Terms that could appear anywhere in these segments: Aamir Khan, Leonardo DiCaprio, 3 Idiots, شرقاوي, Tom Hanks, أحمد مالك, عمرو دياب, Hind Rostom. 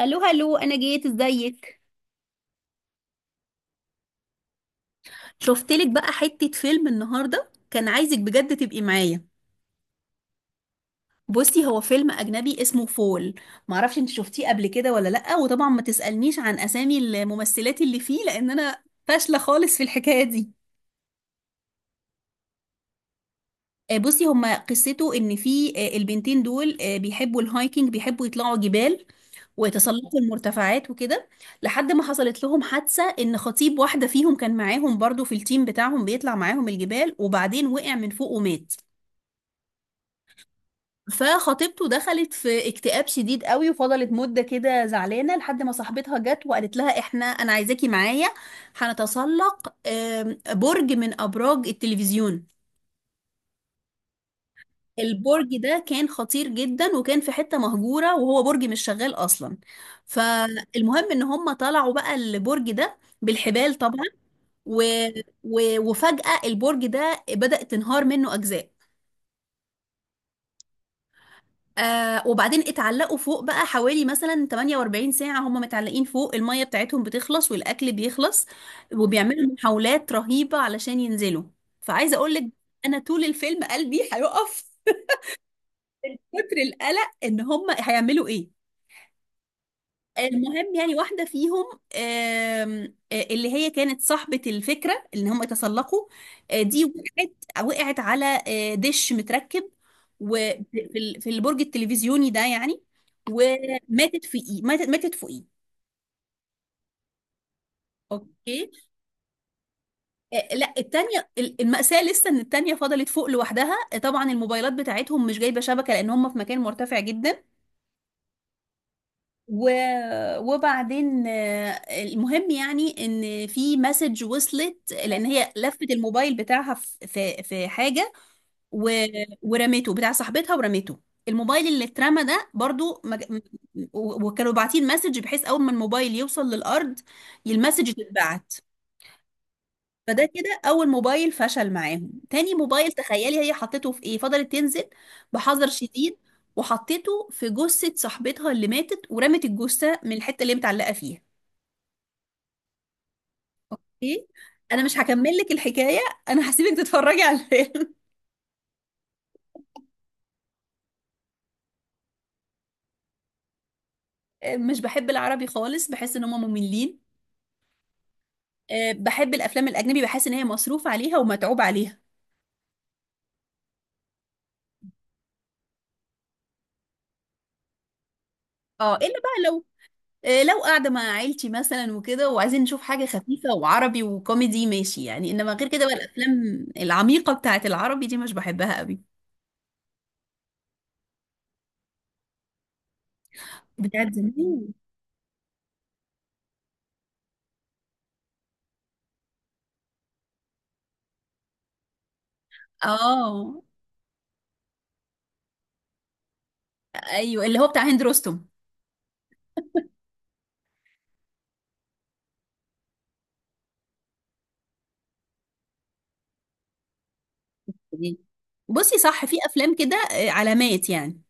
الو هلو انا جيت ازيك شفتلك بقى حتة فيلم النهاردة كان عايزك بجد تبقي معايا. بصي هو فيلم أجنبي اسمه فول. معرفش انت شفتيه قبل كده ولا لأ، وطبعا ما تسألنيش عن أسامي الممثلات اللي فيه لأن أنا فاشلة خالص في الحكاية دي. بصي هما قصته إن في البنتين دول بيحبوا الهايكنج، بيحبوا يطلعوا جبال وتسلقوا المرتفعات وكده. لحد ما حصلت لهم حادثة ان خطيب واحدة فيهم كان معاهم برضو في التيم بتاعهم، بيطلع معاهم الجبال، وبعدين وقع من فوق ومات. فخطيبته دخلت في اكتئاب شديد قوي وفضلت مدة كده زعلانة لحد ما صاحبتها جت وقالت لها احنا انا عايزاكي معايا. هنتسلق برج من ابراج التلفزيون. البرج ده كان خطير جدا وكان في حتة مهجورة وهو برج مش شغال أصلا. فالمهم إن هم طلعوا بقى البرج ده بالحبال طبعا. و... وفجأة البرج ده بدأت تنهار منه أجزاء. وبعدين اتعلقوا فوق بقى حوالي مثلا 48 ساعة، هم متعلقين فوق، المية بتاعتهم بتخلص والأكل بيخلص، وبيعملوا محاولات رهيبة علشان ينزلوا. فعايزة أقولك، أنا طول الفيلم قلبي هيقف كتر القلق إن هم هيعملوا إيه. المهم يعني واحدة فيهم، آم، آه، اللي هي كانت صاحبة الفكرة اللي هم تسلقوا، دي وقعت. وقعت على دش متركب وفي في البرج التلفزيوني ده يعني، وماتت في ايه، ماتت فوقيه. اوكي. لا التانية، المأساة لسه ان التانية فضلت فوق لوحدها. طبعا الموبايلات بتاعتهم مش جايبة شبكة لان هم في مكان مرتفع جدا. و... وبعدين المهم يعني ان في مسج وصلت لان هي لفت الموبايل بتاعها في حاجه. و... ورمته، بتاع صاحبتها ورمته. الموبايل اللي اترمى ده برضو وكانوا باعتين مسج بحيث اول ما الموبايل يوصل للارض المسج تتبعت. فده كده اول موبايل فشل معاهم. تاني موبايل، تخيلي هي حطيته في ايه، فضلت تنزل بحذر شديد وحطيته في جثة صاحبتها اللي ماتت، ورمت الجثة من الحتة اللي هي متعلقة فيها. ايه. انا مش هكمل لك الحكاية، انا هسيبك تتفرجي على الفيلم. مش بحب العربي خالص، بحس ان هم مملين. بحب الافلام الاجنبي، بحس ان هي مصروف عليها ومتعوب عليها. اه الا بقى لو لو قاعدة مع عيلتي مثلا وكده وعايزين نشوف حاجة خفيفة وعربي وكوميدي، ماشي يعني، انما غير كده بقى الافلام العميقة بتاعت العربي دي مش بحبها قوي. بتاعت زمان. اه. ايوه، اللي هو بتاع هند رستم. دي. بصي صح، في افلام كده علامات يعني.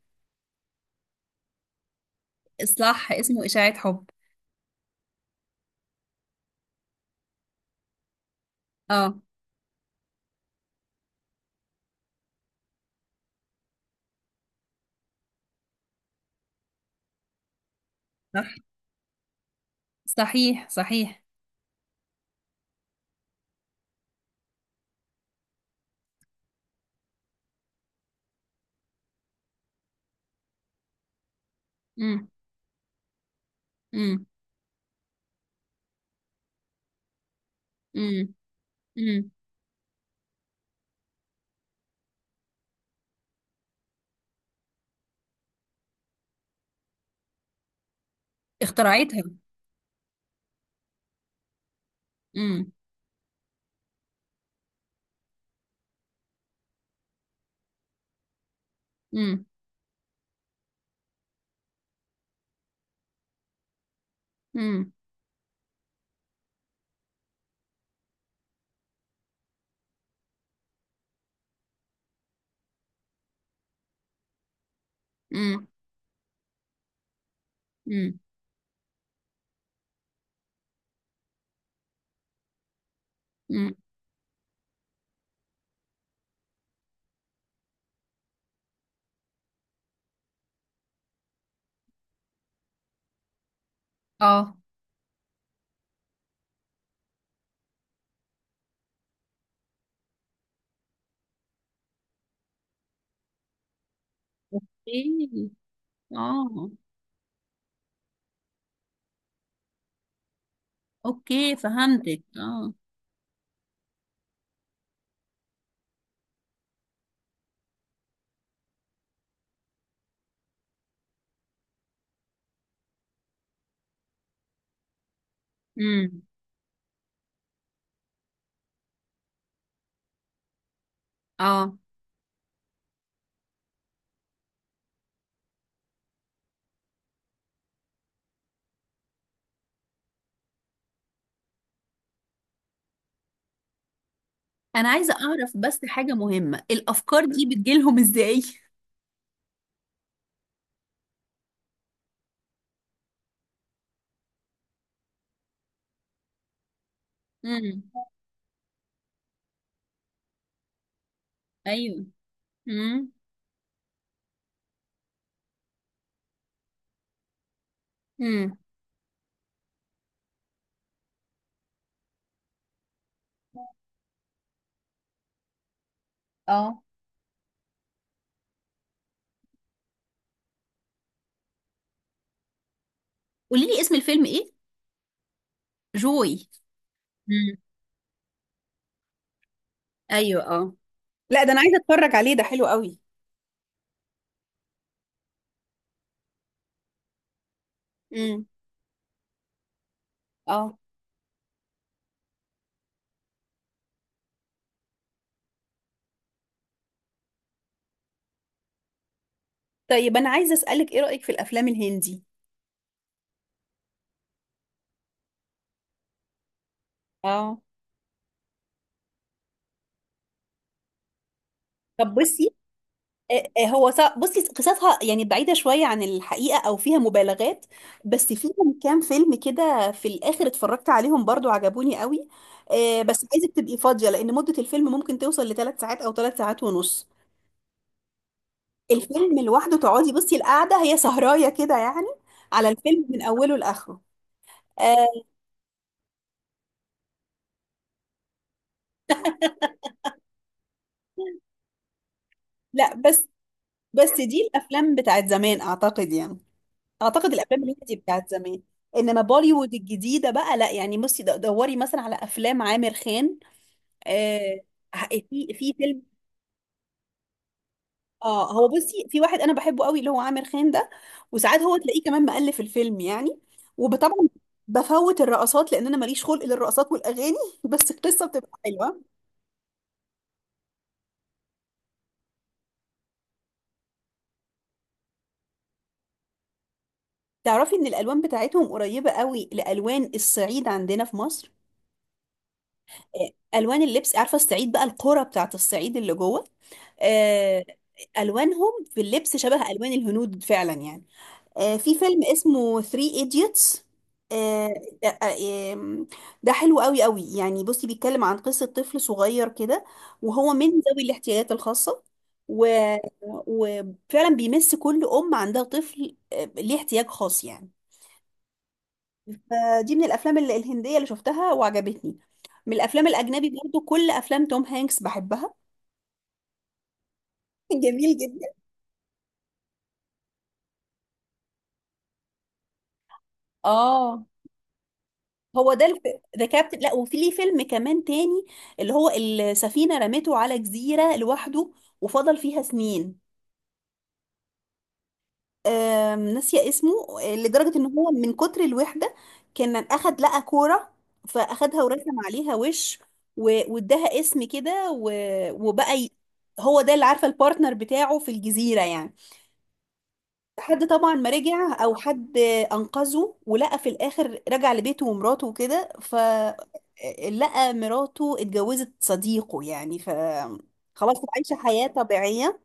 صح، اسمه اشاعة حب. اه. صح، صحيح صحيح. امم، امم، امم، امم. اخترعتها. امم، امم، امم، امم، امم. اه، اوكي. اه، اوكي، فهمتك اه. امم. اه. انا عايزه اعرف بس حاجه مهمه، الافكار دي بتجيلهم ازاي؟ امم. ايوه. امم، امم. اه. قولي لي اسم الفيلم ايه. جوي. امم. ايوه، اه. لا ده انا عايزه اتفرج عليه، ده حلو قوي. امم. اه. طيب انا عايزه اسالك ايه رايك في الافلام الهندي؟ اه. طب بصي، بصي قصصها يعني بعيدة شوية عن الحقيقة أو فيها مبالغات، بس فيهم كام فيلم كده في الآخر اتفرجت عليهم برضو عجبوني قوي. بس عايزك تبقي فاضية لأن مدة الفيلم ممكن توصل لثلاث ساعات أو 3 ساعات ونص. الفيلم لوحده تقعدي، بصي، القعدة هي سهراية كده يعني على الفيلم من أوله لآخره. آه، لا بس، بس دي الأفلام بتاعت زمان أعتقد يعني. اعتقد الافلام الهندي بتاعت زمان، انما بوليوود الجديده بقى لا، يعني بصي دوري مثلا على افلام عامر خان. آه في فيلم. اه، هو بصي في واحد انا بحبه قوي اللي هو عامر خان ده، وساعات هو تلاقيه كمان مؤلف الفيلم يعني. وطبعا بفوت الرقصات لان انا ماليش خلق للرقصات والاغاني بس القصه بتبقى حلوه. تعرفي ان الالوان بتاعتهم قريبه قوي لالوان الصعيد عندنا في مصر؟ الوان اللبس، عارفه الصعيد بقى، القرى بتاعت الصعيد اللي جوه، آه، الوانهم في اللبس شبه الوان الهنود فعلا يعني. في فيلم اسمه 3 ايديوتس، ده آه، ده حلو قوي قوي يعني. بصي بيتكلم عن قصة طفل صغير كده وهو من ذوي الاحتياجات الخاصة، و... وفعلا بيمس كل أم عندها طفل ليه احتياج خاص يعني. فدي من الافلام الهنديه اللي شفتها وعجبتني. من الافلام الاجنبي برضو كل افلام توم هانكس بحبها. جميل جدا. اه. هو ده. ذا كابتن، لا وفي ليه فيلم كمان تاني اللي هو السفينه رمته على جزيره لوحده وفضل فيها سنين. ناسيه اسمه. لدرجه ان هو من كتر الوحده كان اخد، لقى كوره فاخدها ورسم عليها وش واداها اسم كده هو ده اللي عارفه البارتنر بتاعه في الجزيره يعني. حد طبعا ما رجع، او حد انقذه، ولقى في الاخر رجع لبيته ومراته وكده، ف لقى مراته اتجوزت صديقه يعني، ف خلاص كانت عايشه حياه طبيعيه.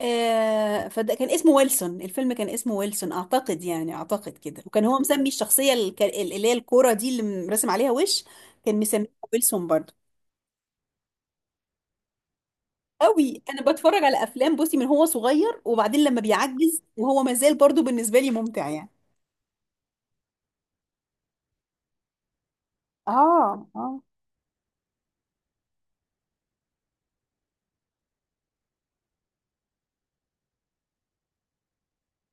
فده كان اسمه ويلسون، الفيلم كان اسمه ويلسون اعتقد يعني، اعتقد كده. وكان هو مسمي الشخصيه اللي هي الكوره دي اللي مرسم عليها وش، كان مسميها ويلسون برضه. قوي انا بتفرج على افلام، بصي من هو صغير وبعدين لما بيعجز وهو مازال برضه بالنسبه لي ممتع يعني. اه، اه.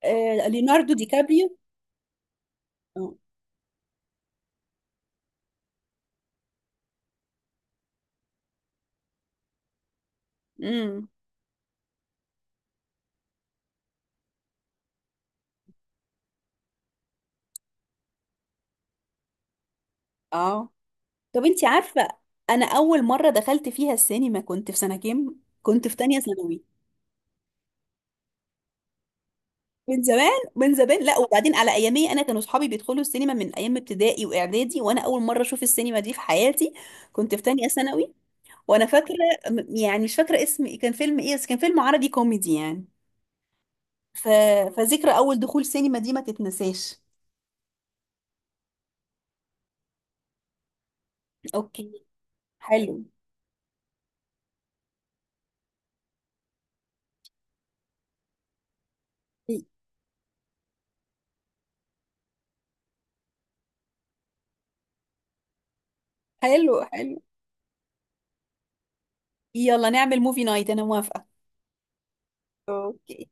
ليوناردو دي كابريو. اه. امم. آه. طب انت عارفة انا اول مرة دخلت فيها السينما كنت في سنة كام؟ كنت في تانية ثانوي. من زمان من زمان. لا وبعدين على ايامي انا كانوا اصحابي بيدخلوا السينما من ايام ابتدائي واعدادي، وانا اول مرة اشوف السينما دي في حياتي. كنت في تانية ثانوي. وانا فاكرة. يعني مش فاكرة اسم إيه، كان فيلم ايه، بس كان فيلم عربي كوميدي يعني. ف... فذكرى اول دخول سينما دي ما تتنساش. اوكي. حلو. حلو حلو. يلا نعمل موفي نايت، انا موافقة. اوكي.